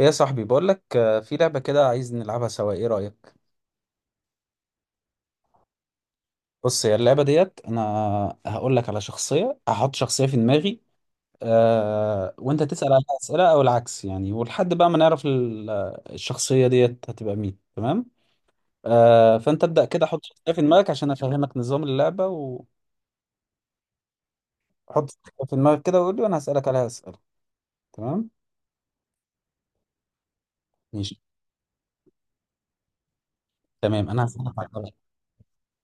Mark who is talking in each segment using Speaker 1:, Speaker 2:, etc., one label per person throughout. Speaker 1: ايه يا صاحبي، بقول لك في لعبة كده عايز نلعبها سوا، ايه رأيك؟ بص، هي اللعبة ديت انا هقول لك على شخصية، هحط شخصية في دماغي. وانت تسأل عليها أسئلة او العكس يعني، ولحد بقى ما نعرف الشخصية ديت هتبقى مين، تمام؟ فانت ابدأ كده، حط شخصية في دماغك عشان افهمك نظام اللعبة، وحط شخصية في دماغك كده وقول لي، وانا هسألك عليها أسئلة. تمام. ماشي. تمام، انا هسألك على...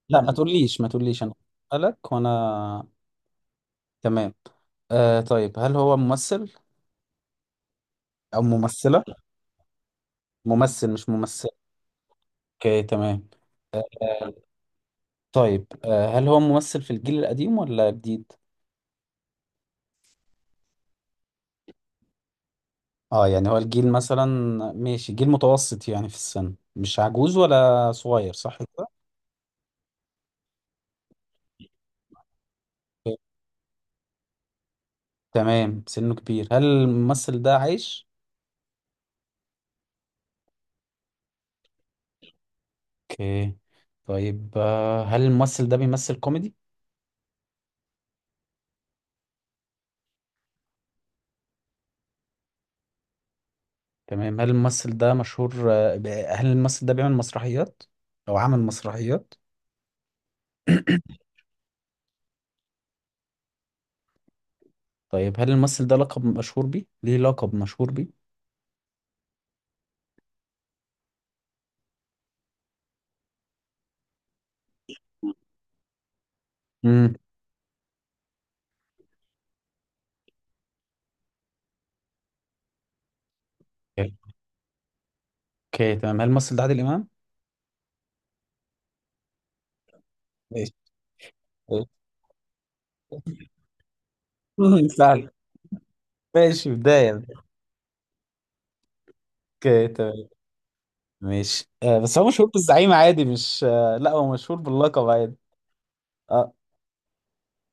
Speaker 1: لا، ما تقوليش ما تقوليش، انا هسألك وانا... تمام. طيب، هل هو ممثل او ممثلة؟ ممثل مش ممثل. اوكي، تمام. آه، طيب، هل هو ممثل في الجيل القديم ولا جديد؟ اه يعني هو الجيل مثلا... ماشي، جيل متوسط يعني في السن، مش عجوز ولا صغير، صح كده؟ أوكي. تمام، سنه كبير، هل الممثل ده عايش؟ اوكي. طيب، هل الممثل ده بيمثل كوميدي؟ تمام. هل الممثل ده مشهور هل الممثل ده بيعمل مسرحيات او عمل مسرحيات؟ طيب، هل الممثل ده لقب مشهور بيه، ليه لقب مشهور بيه؟ مم. اوكي، تمام. هل الممثل ده عادل امام؟ ماشي. فعلا. ماشي، بداية. اوكي، تمام. ماشي. بس هو مشهور بالزعيم عادي مش لا، هو مشهور باللقب عادي. اه.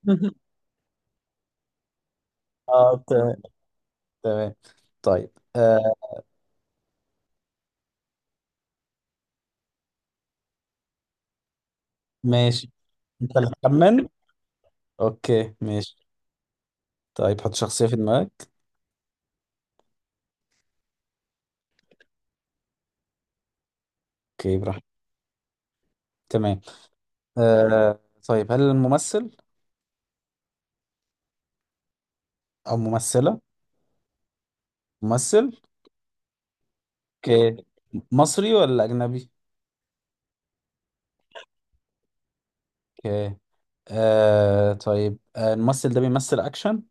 Speaker 1: اه، تمام. تمام، طيب. ماشي. انت اللي هتخمن. اوكي، ماشي. طيب، حط شخصية في دماغك. اوكي، براحتك. تمام. آه طيب، هل الممثل او ممثلة؟ ممثل. اوكي. مصري ولا اجنبي؟ اوكي. طيب، الممثل ده بيمثل اكشن،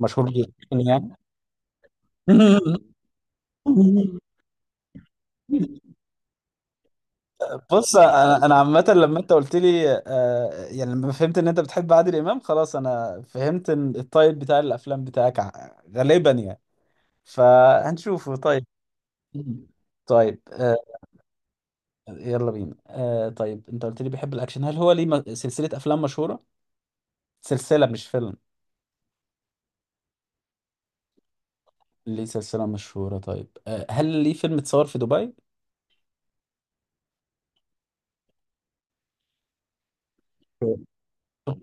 Speaker 1: مشهور جدا يعني؟ بص، انا عامه لما انت قلت لي يعني لما فهمت ان انت بتحب عادل امام خلاص، انا فهمت ان الطيب بتاع الافلام بتاعك غالبا يعني، فهنشوفه طيب. طيب، يلا بينا. طيب، انت قلت لي بيحب الاكشن. هل هو ليه سلسله افلام مشهوره، سلسله مش فيلم؟ ليه سلسله مشهوره طيب. هل ليه فيلم اتصور في دبي؟ توم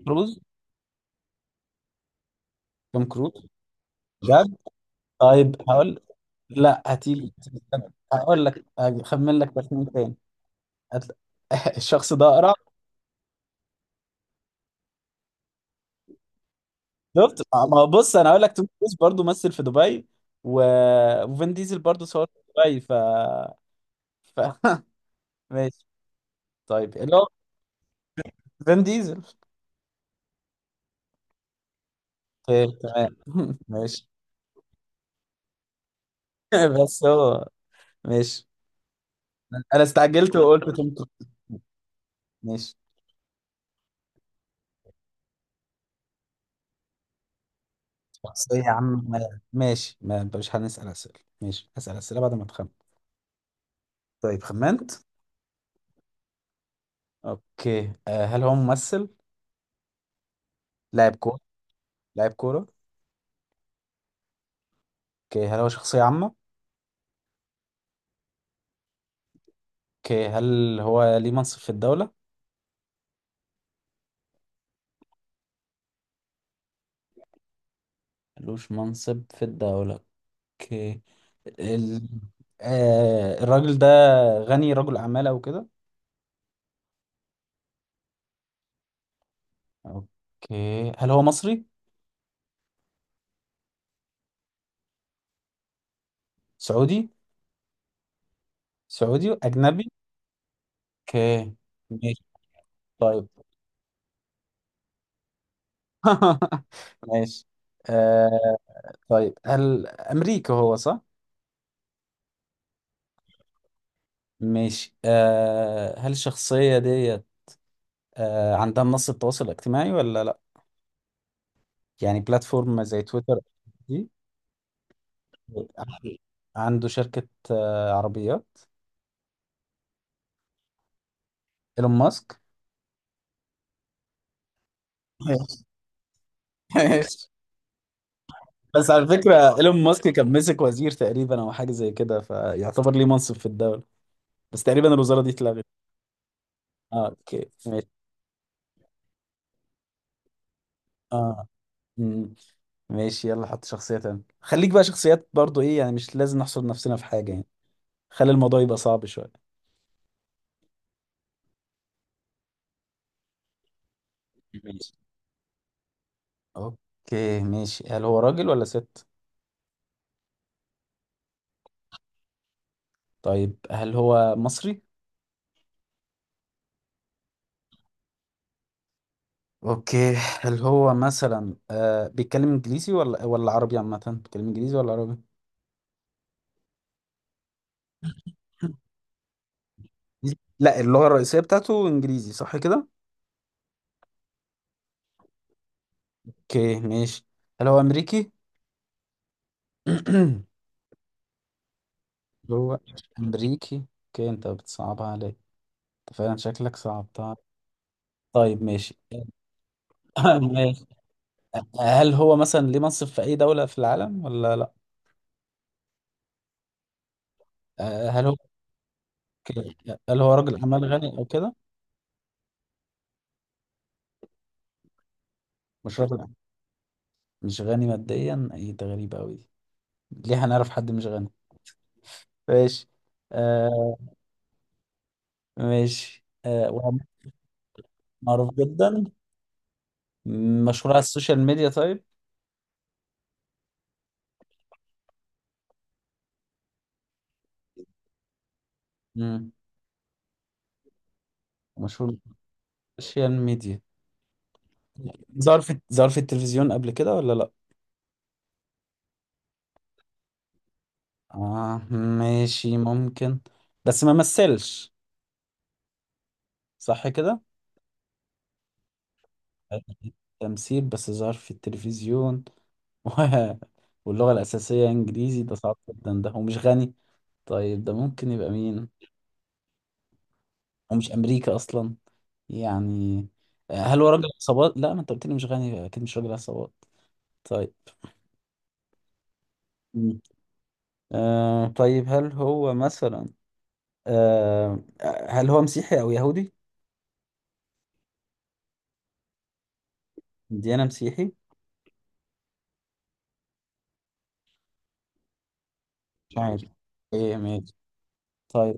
Speaker 1: كروز. توم كروز؟ بجد؟ طيب هقول... لا، هتيجي استنى، هقول لك، هخمن لك تخمين تاني. هتل- الشخص ده اقرع. شفت ما هو؟ بص، انا هقول لك توم كروز برضه مثل في دبي، و... وفين ديزل برضه صور في دبي ف... ماشي. طيب، اللي هو فين ديزل. طيب، تمام. ماشي. بس هو... ماشي، انا استعجلت وقلت توم كروز. ماشي، شخصية يا عم. ماشي، ما انت مش هنسأل اسئله، ماشي هسأل اسئله بعد ما تخمن. طيب، خمنت؟ اوكي. هل هو ممثل، لاعب كورة؟ لاعب كورة. اوكي. هل هو شخصية عامة؟ اوكي. هل هو ليه منصب في الدولة؟ ملوش منصب في الدولة. اوكي. ال... آه الراجل ده غني، رجل أعمال أو كده؟ اوكي. هل هو مصري؟ سعودي. سعودي أجنبي. اوكي، ماشي. طيب. ماشي. آه طيب، هل أمريكا هو، صح؟ ماشي. هل الشخصية ديت عندها منصة تواصل اجتماعي ولا لا؟ يعني بلاتفورم زي تويتر دي. عنده شركة عربيات؟ ايلون ماسك. ماشي. بس على فكرة، ايلون ماسك كان مسك وزير تقريبا او حاجة زي كده، فيعتبر ليه منصب في الدولة، بس تقريبا الوزارة دي اتلغت. اه، اوكي، ماشي. اه. مم. ماشي، يلا حط شخصية تانية، خليك بقى شخصيات برضو، ايه يعني، مش لازم نحصر نفسنا في حاجة يعني، خلي الموضوع يبقى صعب شوية. ماشي. اوكي، ماشي. هل هو راجل ولا ست؟ طيب، هل هو مصري؟ اوكي. هل هو مثلا بيتكلم انجليزي ولا عربي؟ عامة بيتكلم انجليزي ولا عربي؟ لا اللغة الرئيسية بتاعته انجليزي، صح كده؟ اوكي، ماشي. هل هو امريكي؟ هو امريكي. اوكي، انت بتصعبها عليا. انت فعلا شكلك صعبتها. طيب، ماشي. ماشي. هل هو مثلا ليه منصب في اي دولة في العالم ولا لا؟ هل هو... هل هو راجل اعمال غني او كده؟ مش راجل أعمال. مش غني ماديا، ايه ده غريب قوي. دي ليه هنعرف حد مش غني. ماشي. آه ماشي. وعمل، معروف جدا، مشهور على السوشيال ميديا طيب. مم. مشهور على السوشيال ميديا، ظهر في التلفزيون قبل كده ولا لا؟ ماشي ممكن، بس ما مثلش صح كده؟ تمثيل بس ظهر في التلفزيون. و... واللغة الأساسية إنجليزي ده صعب جدا، ده ومش غني؟ طيب، ده ممكن يبقى مين؟ ومش امريكا اصلا يعني. هل هو راجل عصابات؟ لا، ما انت قلت لي مش غني، اكيد مش راجل عصابات. طيب. مم. طيب، هل هو مثلا آه هل هو مسيحي او يهودي؟ ديانة مسيحي. مش عارف. ايه؟ ماشي. طيب،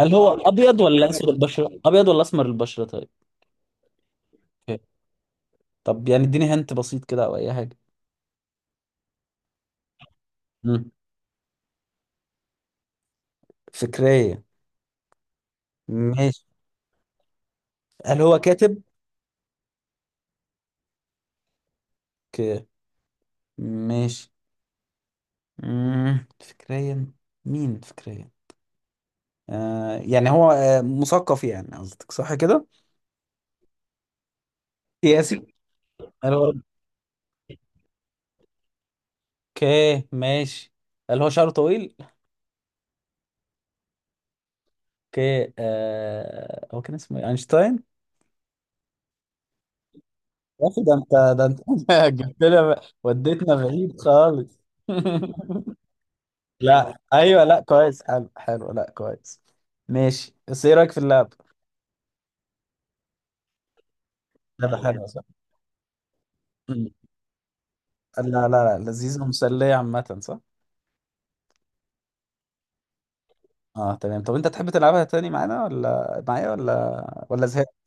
Speaker 1: هل هو ابيض ولا اسود البشرة، ابيض ولا اسمر البشرة؟ طيب. أوكي. طب يعني اديني هنت بسيط كده او اي حاجة. مم. فكرية. ماشي، هل هو كاتب؟ اوكي. ماشي. مم. فكريا، مين فكريا؟ يعني هو مثقف يعني قصدك، صح كده؟ سياسي؟ قال هو. اوكي، ماشي. قال هو شعره طويل. اوكي. هو كان اسمه إيه؟ اينشتاين؟ يا اخي، ده انت، ده انت! جبت لي وديتنا بعيد خالص. لا ايوه، لا كويس، حلو حلو، لا كويس. ماشي، بس ايه رايك في اللعب؟ لعبة حلوة صح؟ مم. لا، لا، لا لذيذة ومسلية عامة، صح؟ اه تمام. طب انت تحب تلعبها تاني معانا ولا معايا، ولا زهقت؟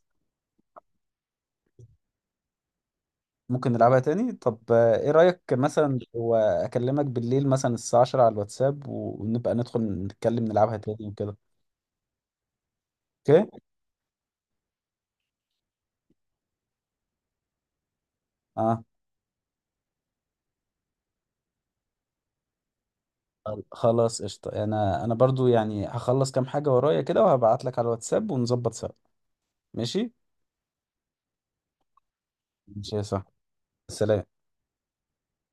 Speaker 1: ممكن نلعبها تاني. طب، ايه رأيك مثلا لو اكلمك بالليل مثلا الساعة 10 على الواتساب، ونبقى ندخل نتكلم نلعبها تاني وكده؟ اوكي. اه، خلاص، قشطة. انا برضو يعني هخلص كام حاجة ورايا كده وهبعت لك على الواتساب ونظبط سوا. ماشي. ماشي يا صاحبي، سلام.